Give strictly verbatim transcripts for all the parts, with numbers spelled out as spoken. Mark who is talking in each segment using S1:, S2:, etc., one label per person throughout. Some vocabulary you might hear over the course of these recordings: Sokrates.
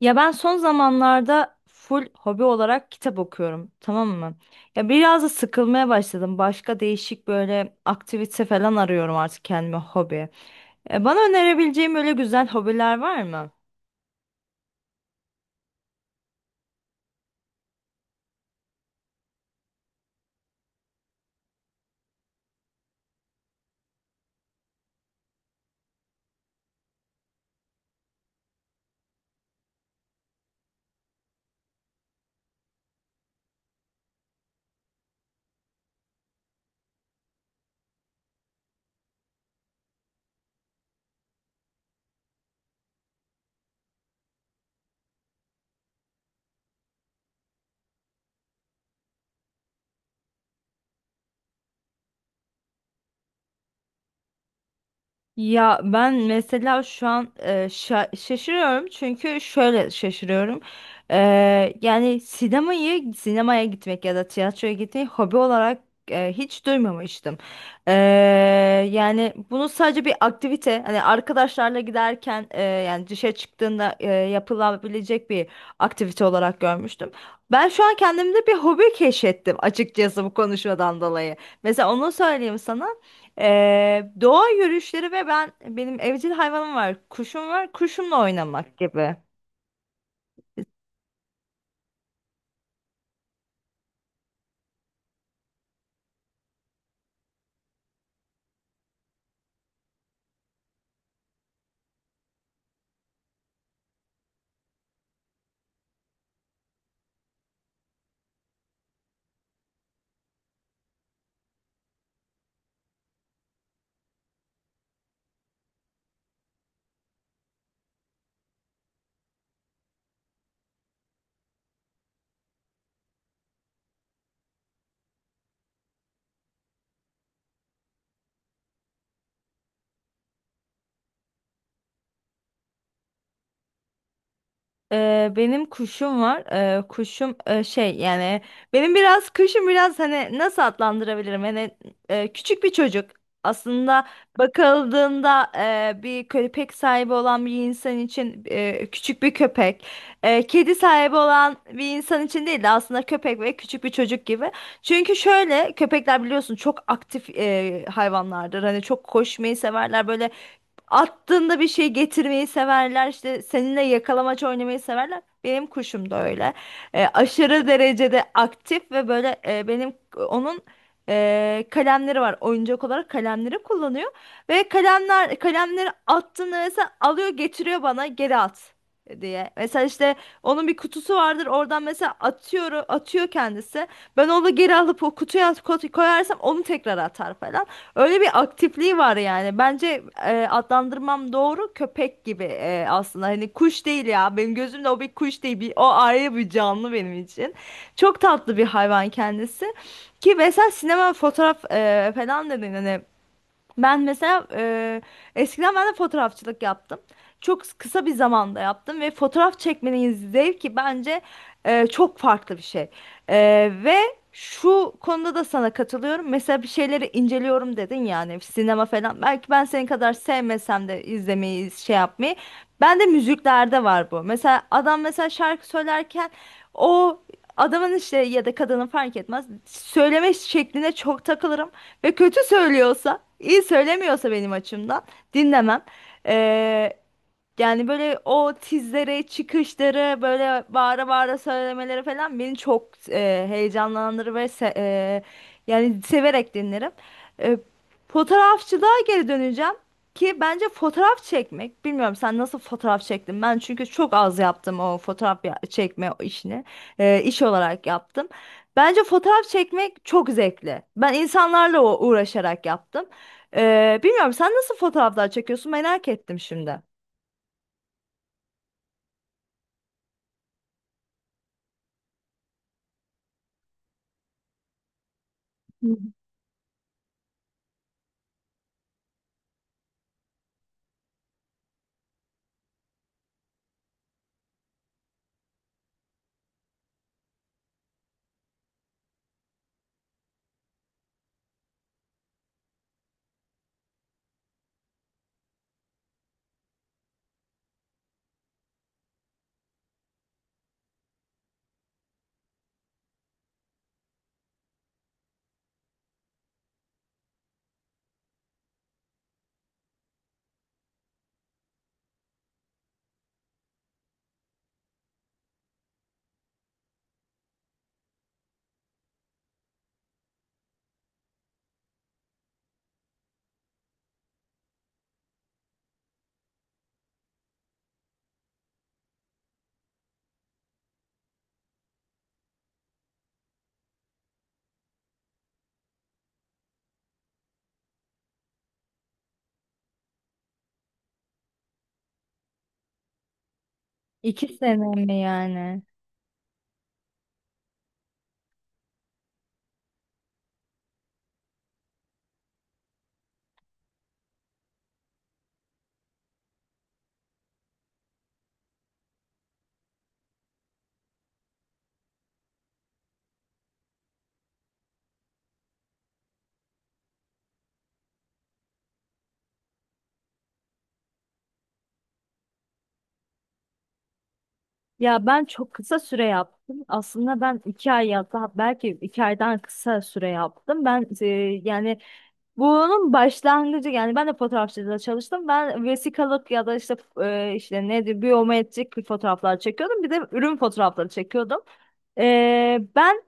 S1: Ya ben son zamanlarda full hobi olarak kitap okuyorum, tamam mı? Ya biraz da sıkılmaya başladım. Başka değişik böyle aktivite falan arıyorum artık kendime hobi. E, bana önerebileceğim öyle güzel hobiler var mı? Ya ben mesela şu an e, şa- şaşırıyorum çünkü şöyle şaşırıyorum. E, Yani sinemayı sinemaya gitmek ya da tiyatroya gitmeyi hobi olarak e, hiç duymamıştım. E, Yani bunu sadece bir aktivite, hani arkadaşlarla giderken, e, yani dışarı çıktığında e, yapılabilecek bir aktivite olarak görmüştüm. Ben şu an kendimde bir hobi keşfettim açıkçası, bu konuşmadan dolayı. Mesela onu söyleyeyim sana. Ee, doğa yürüyüşleri ve ben benim evcil hayvanım var. Kuşum var. Kuşumla oynamak gibi. Ee, benim kuşum var. Ee, kuşum, e, şey, yani benim biraz kuşum biraz, hani nasıl adlandırabilirim? Hani e, küçük bir çocuk. Aslında bakıldığında, e, bir köpek sahibi olan bir insan için e, küçük bir köpek. E, kedi sahibi olan bir insan için değil de aslında köpek ve küçük bir çocuk gibi. Çünkü şöyle, köpekler biliyorsun çok aktif e, hayvanlardır. Hani çok koşmayı severler, böyle attığında bir şey getirmeyi severler, işte seninle yakalamaç oynamayı severler. Benim kuşum da öyle. E, aşırı derecede aktif ve böyle, e, benim onun e, kalemleri var. Oyuncak olarak kalemleri kullanıyor ve kalemler kalemleri attığında mesela alıyor, getiriyor bana, geri at diye. Mesela işte onun bir kutusu vardır. Oradan mesela atıyor atıyor kendisi. Ben onu geri alıp o kutuya at- koyarsam onu tekrar atar falan. Öyle bir aktifliği var yani. Bence e, adlandırmam doğru, köpek gibi e, aslında. Hani kuş değil ya. Benim gözümde o bir kuş değil. Bir, o ayrı bir canlı benim için. Çok tatlı bir hayvan kendisi. Ki mesela sinema, fotoğraf e, falan dedin, hani ben mesela, e, eskiden ben de fotoğrafçılık yaptım. Çok kısa bir zamanda yaptım ve fotoğraf çekmenin zevki bence e, çok farklı bir şey. E, ve şu konuda da sana katılıyorum. Mesela bir şeyleri inceliyorum dedin yani, sinema falan. Belki ben senin kadar sevmesem de izlemeyi, şey yapmayı. Ben de müziklerde var bu. Mesela adam mesela şarkı söylerken o adamın işte ya da kadının, fark etmez, söyleme şekline çok takılırım ve kötü söylüyorsa, iyi söylemiyorsa benim açımdan dinlemem. Ee, Yani böyle o tizleri, çıkışları, böyle bağıra bağıra söylemeleri falan beni çok e, heyecanlandırır ve se- e, yani severek dinlerim. E, Fotoğrafçılığa geri döneceğim, ki bence fotoğraf çekmek, bilmiyorum sen nasıl fotoğraf çektin? Ben çünkü çok az yaptım o fotoğraf ya- çekme işini, e, iş olarak yaptım. Bence fotoğraf çekmek çok zevkli. Ben insanlarla o- uğraşarak yaptım. E, bilmiyorum sen nasıl fotoğraflar çekiyorsun, merak ettim şimdi. İki sene mi yani? Ya ben çok kısa süre yaptım. Aslında ben iki ay ya da belki iki aydan kısa süre yaptım. Ben, e, yani bunun başlangıcı, yani ben de fotoğrafçılıkta çalıştım. Ben vesikalık ya da işte e, işte nedir, biyometrik fotoğraflar çekiyordum. Bir de ürün fotoğrafları çekiyordum. E, ben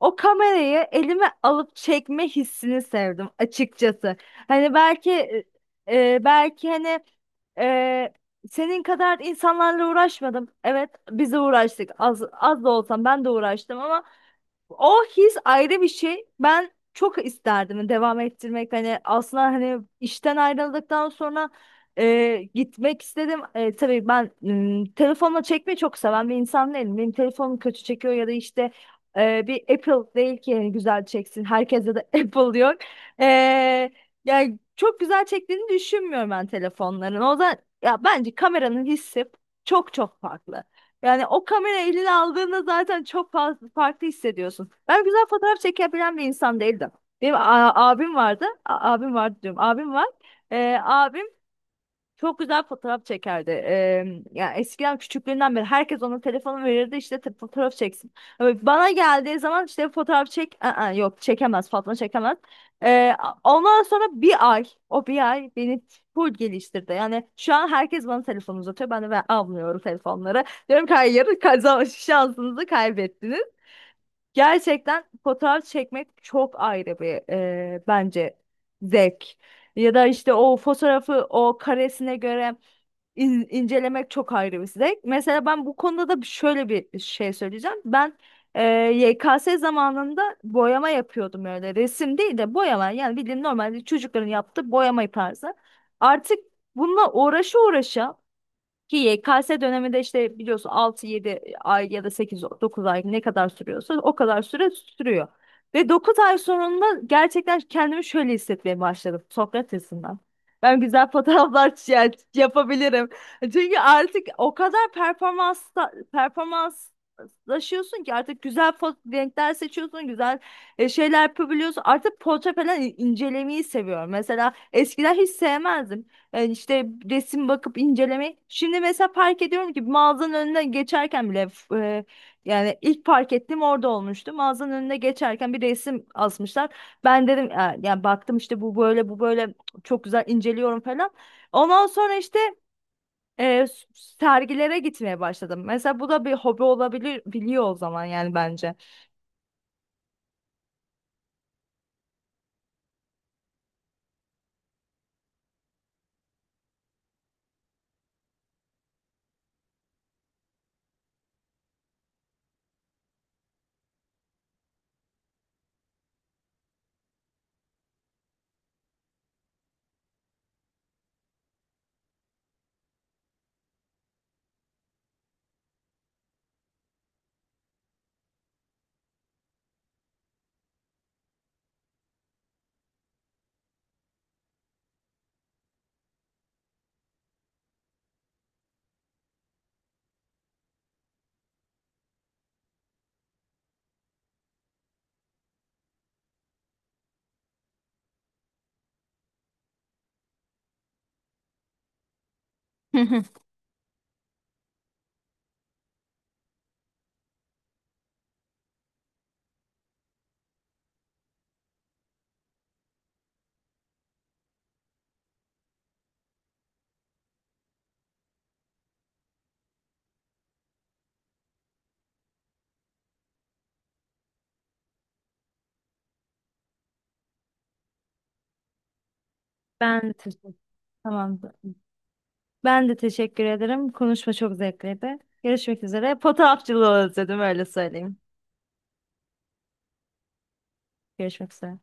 S1: o kamerayı elime alıp çekme hissini sevdim açıkçası. Hani belki e, e, belki hani e, Senin kadar insanlarla uğraşmadım. Evet, biz de uğraştık. Az, az da olsam ben de uğraştım ama o his ayrı bir şey. Ben çok isterdim devam ettirmek. Hani aslında, hani işten ayrıldıktan sonra e, gitmek istedim. E, tabii ben m, telefonla çekmeyi çok seven bir insan değilim. Benim telefonum kötü çekiyor ya da işte, e, bir Apple değil ki yani güzel çeksin. Herkese de Apple diyor. E, Yani çok güzel çektiğini düşünmüyorum ben telefonların. O yüzden ya bence kameranın hissi çok çok farklı. Yani o kamera eline aldığında zaten çok fazla farklı hissediyorsun. Ben güzel fotoğraf çekebilen bir insan değildim. Benim a- abim vardı. A- abim vardı diyorum. Abim var. Ee, abim çok güzel fotoğraf çekerdi. Eee yani eskiden, küçüklüğünden beri herkes ona telefonu verirdi işte, te- fotoğraf çeksin. Ama bana geldiği zaman işte fotoğraf çek. Aa, yok, çekemez, Fatma çekemez. Eee, Ondan sonra bir ay, o bir ay beni full geliştirdi. Yani şu an herkes bana telefon uzatıyor. Ben de ben almıyorum telefonları. Diyorum ki hayır, kazan şansınızı kaybettiniz. Gerçekten fotoğraf çekmek çok ayrı bir eee, bence zevk. Ya da işte o fotoğrafı o karesine göre in- incelemek çok ayrı bir zevk. Mesela ben bu konuda da bir- şöyle bir şey söyleyeceğim. Ben e, Y K S zamanında boyama yapıyordum öyle. Resim değil de boyama. Yani bildiğin normal çocukların yaptığı boyama tarzı. Artık bununla uğraşa uğraşa, ki Y K S dönemi de işte biliyorsun, altı yedi ay ya da sekiz, dokuz ay, ne kadar sürüyorsa o kadar süre sürüyor. Ve dokuz ay sonunda gerçekten kendimi şöyle hissetmeye başladım Sokrates'inden. Ben güzel fotoğraflar çe- yapabilirim. Çünkü artık o kadar performans performanslaşıyorsun ki artık güzel fo- renkler seçiyorsun, güzel e, şeyler yapabiliyorsun. Artık portre falan incelemeyi seviyorum. Mesela eskiden hiç sevmezdim. Yani işte resim bakıp incelemek. Şimdi mesela fark ediyorum ki mağazanın önüne geçerken bile f- e, yani ilk fark ettiğim orada olmuştu. Mağazanın önüne geçerken bir resim asmışlar. Ben dedim, "Ya- yani baktım işte, bu böyle, bu böyle," çok güzel inceliyorum falan. Ondan sonra işte e, s- sergilere gitmeye başladım. Mesela bu da bir hobi olabilir, biliyor o zaman yani bence. Hı hı. Ben de teşekkür Tamam. Ben de teşekkür ederim. Konuşma çok zevkliydi. Görüşmek üzere. Fotoğrafçılığı özledim, öyle söyleyeyim. Görüşmek üzere.